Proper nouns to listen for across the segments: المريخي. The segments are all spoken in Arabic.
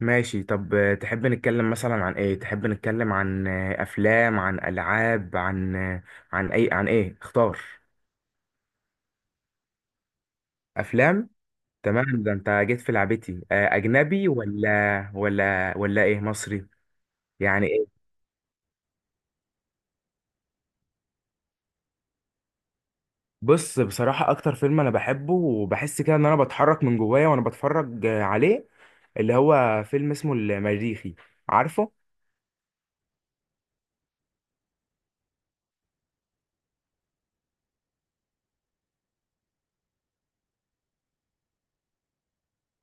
ماشي، طب، تحب نتكلم مثلا عن ايه؟ تحب نتكلم عن افلام، عن العاب، عن عن اي عن ايه؟ اختار. افلام. تمام، ده انت جيت في لعبتي. اجنبي ولا ايه، مصري؟ يعني ايه؟ بص، بصراحة اكتر فيلم انا بحبه وبحس كده ان انا بتحرك من جوايا وانا بتفرج عليه، اللي هو فيلم اسمه المريخي. عارفه؟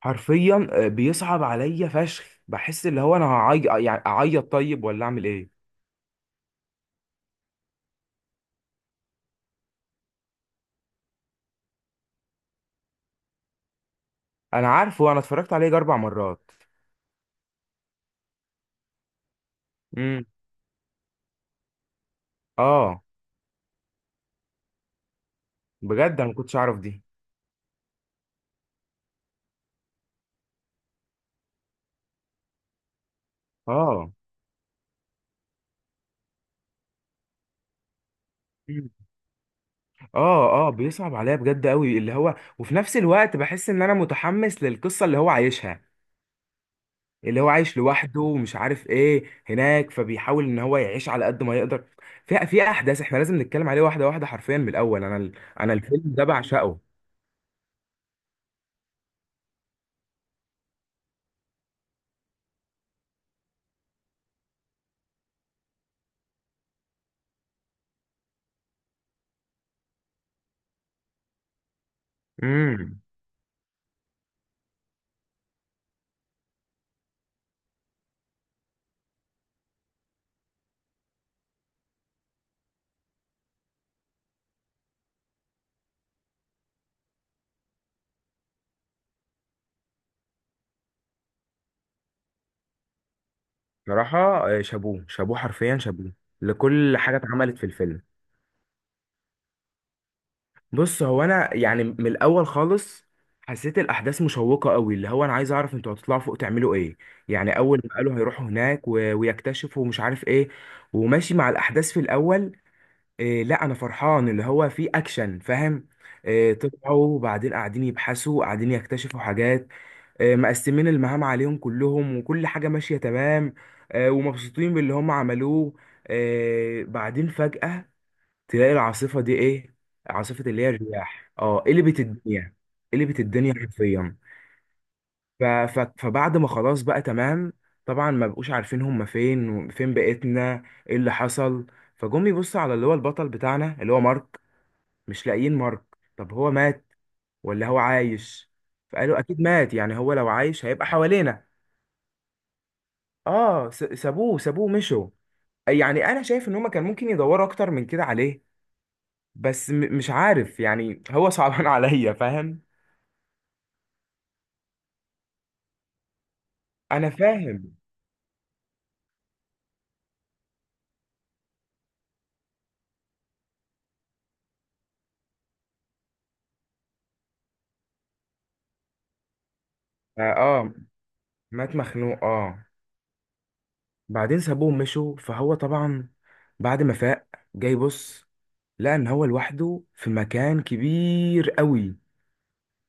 حرفيا بيصعب عليا فشخ، بحس اللي هو انا هعيط، يعني اعيط طيب ولا اعمل ايه؟ انا عارفه، انا اتفرجت عليه يجي 4 مرات. امم. اه، بجد انا ما كنتش اعرف دي. اه. مم. اه، اه، بيصعب عليا بجد قوي اللي هو، وفي نفس الوقت بحس ان انا متحمس للقصه اللي هو عايشها، اللي هو عايش لوحده ومش عارف ايه هناك، فبيحاول ان هو يعيش على قد ما يقدر. في احداث احنا لازم نتكلم عليه واحده واحده حرفيا من الاول. انا الفيلم ده بعشقه. امم. صراحه شابوه شابوه حرفيا شابوه لكل حاجه اتعملت في الفيلم. بص، هو انا يعني من الاول خالص حسيت الاحداث مشوقه قوي، اللي هو انا عايز اعرف انتوا هتطلعوا فوق تعملوا ايه. يعني اول ما قالوا هيروحوا هناك ويكتشفوا مش عارف ايه، وماشي مع الاحداث في الاول. إيه، لا انا فرحان اللي هو في اكشن، فاهم؟ إيه، طلعوا وبعدين قاعدين يبحثوا وقاعدين يكتشفوا حاجات. إيه، مقسمين المهام عليهم كلهم وكل حاجه ماشيه تمام. إيه، ومبسوطين باللي هم عملوه. إيه، بعدين فجاه تلاقي العاصفة دي ايه؟ عاصفة اللي هي الرياح، قلبت الدنيا. قلبت الدنيا حرفيا. فبعد ما خلاص بقى تمام، طبعا ما بقوش عارفين هم فين وفين بقيتنا، ايه اللي حصل. فجم يبصوا على اللي هو البطل بتاعنا اللي هو مارك، مش لاقيين مارك. طب هو مات ولا هو عايش؟ فقالوا اكيد مات، يعني هو لو عايش هيبقى حوالينا. اه، سابوه مشوا. يعني انا شايف ان هم كان ممكن يدوروا اكتر من كده عليه، بس مش عارف، يعني هو صعبان عليا، فاهم. انا فاهم. اه، مات مخنوق، اه. بعدين سابوه ومشوا، فهو طبعا بعد ما فاق، جاي بص، لقى ان هو لوحده في مكان كبير قوي.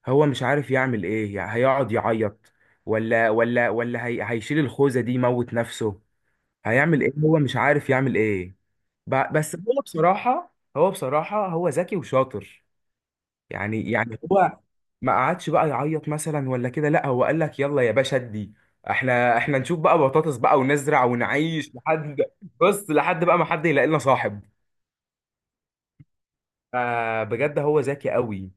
هو مش عارف يعمل ايه، يعني هيقعد يعيط ولا هي هيشيل الخوذة دي يموت نفسه؟ هيعمل ايه؟ هو مش عارف يعمل ايه. بس هو بصراحة، هو ذكي وشاطر. يعني هو ما قعدش بقى يعيط مثلا ولا كده، لا هو قال لك يلا يا باشا، ادي احنا نشوف بقى بطاطس بقى، ونزرع ونعيش لحد، بص لحد بقى ما حد يلاقي لنا صاحب. فبجد هو ذكي قوي.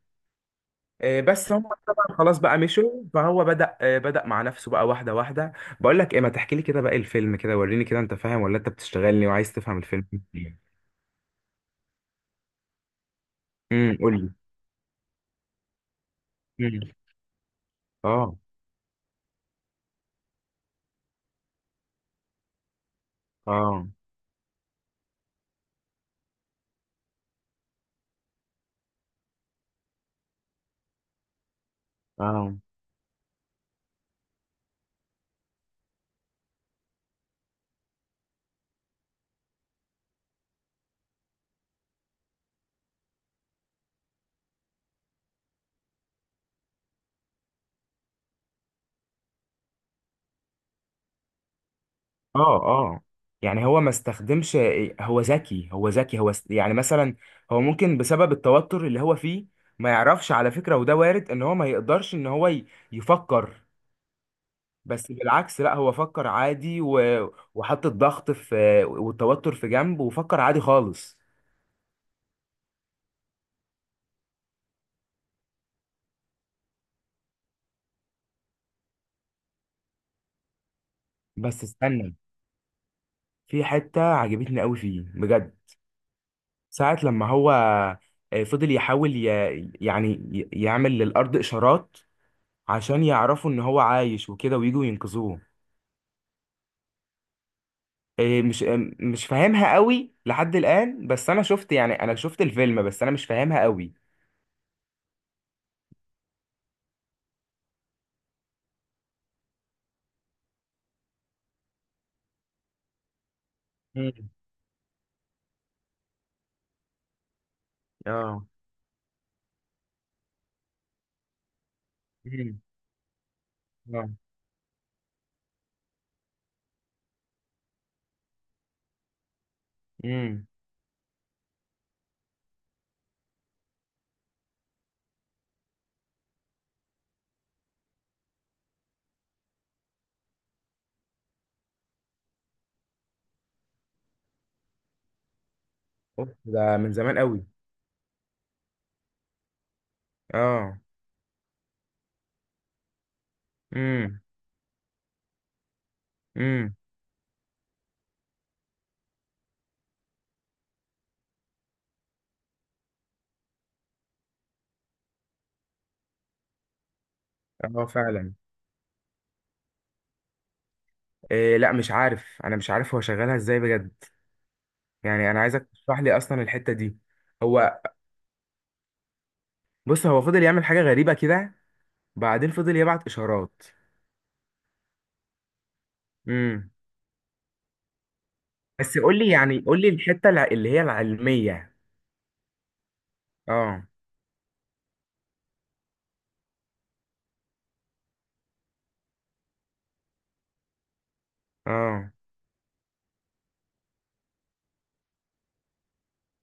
بس هم طبعا خلاص بقى مشوا، فهو بدأ مع نفسه بقى واحدة واحدة. بقول لك ايه، ما تحكي لي كده باقي الفيلم كده، وريني كده انت فاهم ولا انت بتشتغلني وعايز تفهم الفيلم. امم. قول لي. امم. اه. اه. اه. اه. اه. يعني هو ما استخدمش، هو ذكي، يعني مثلا هو ممكن بسبب التوتر اللي هو فيه ما يعرفش، على فكرة، وده وارد ان هو ما يقدرش ان هو يفكر. بس بالعكس، لا هو فكر عادي وحط الضغط في والتوتر في جنب، وفكر عادي خالص. بس استنى، في حتة عجبتني قوي فيه بجد، ساعة لما هو فضل يحاول يعني يعمل للأرض إشارات عشان يعرفوا ان هو عايش وكده ويجوا ينقذوه. إيه، مش فاهمها قوي لحد الآن، بس أنا شفت، الفيلم، بس أنا مش فاهمها قوي. مم. اه. امم. اه. امم. اوف، ده من زمان قوي. اه. امم. امم. اه، فعلا. إيه لا، مش عارف، هو شغالها ازاي بجد. يعني انا عايزك تشرح لي اصلا الحتة دي. هو، بص، هو فضل يعمل حاجة غريبة كده، بعدين فضل يبعت اشارات. امم. بس قول لي، الحتة اللي هي العلمية. اه. اه،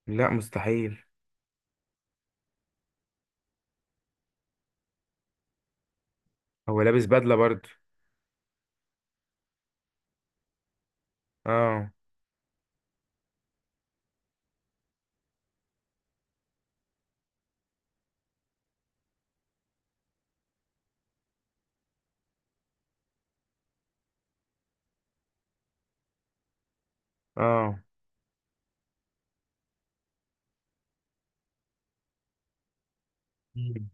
لا مستحيل. هو لابس بدلة برضه. اه. اه. مم.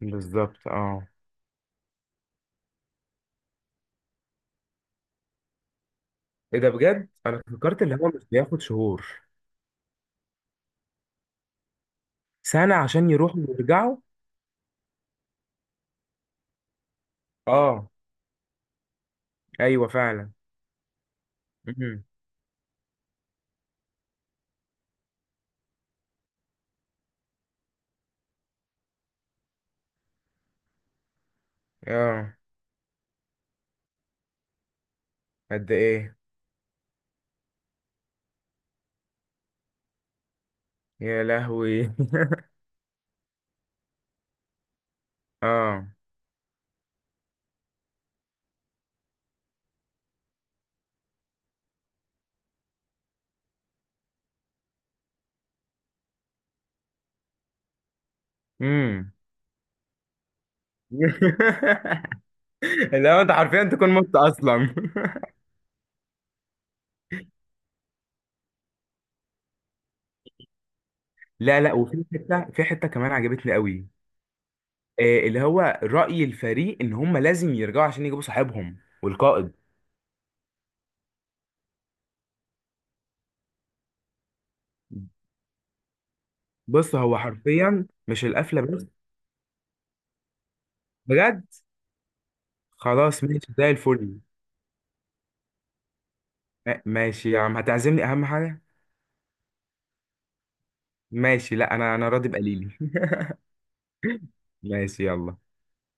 بالظبط. اه. ايه ده، بجد انا فكرت اللي هو مش بياخد شهور. سنة عشان يروحوا ويرجعوا. اه، ايوه فعلا. امم. اه. قد ايه؟ يا لهوي اه. امم. لا انت حرفيا تكون مت اصلا لا لا، وفي حته، في حته كمان عجبتني قوي. اللي هو رأي الفريق ان هم لازم يرجعوا عشان يجيبوا صاحبهم، والقائد. بص هو حرفيا مش القفله. بجد خلاص، ماشي زي الفل. ماشي يا عم، هتعزمني اهم حاجه. ماشي، لا انا، راضي بقليلي ماشي يلا.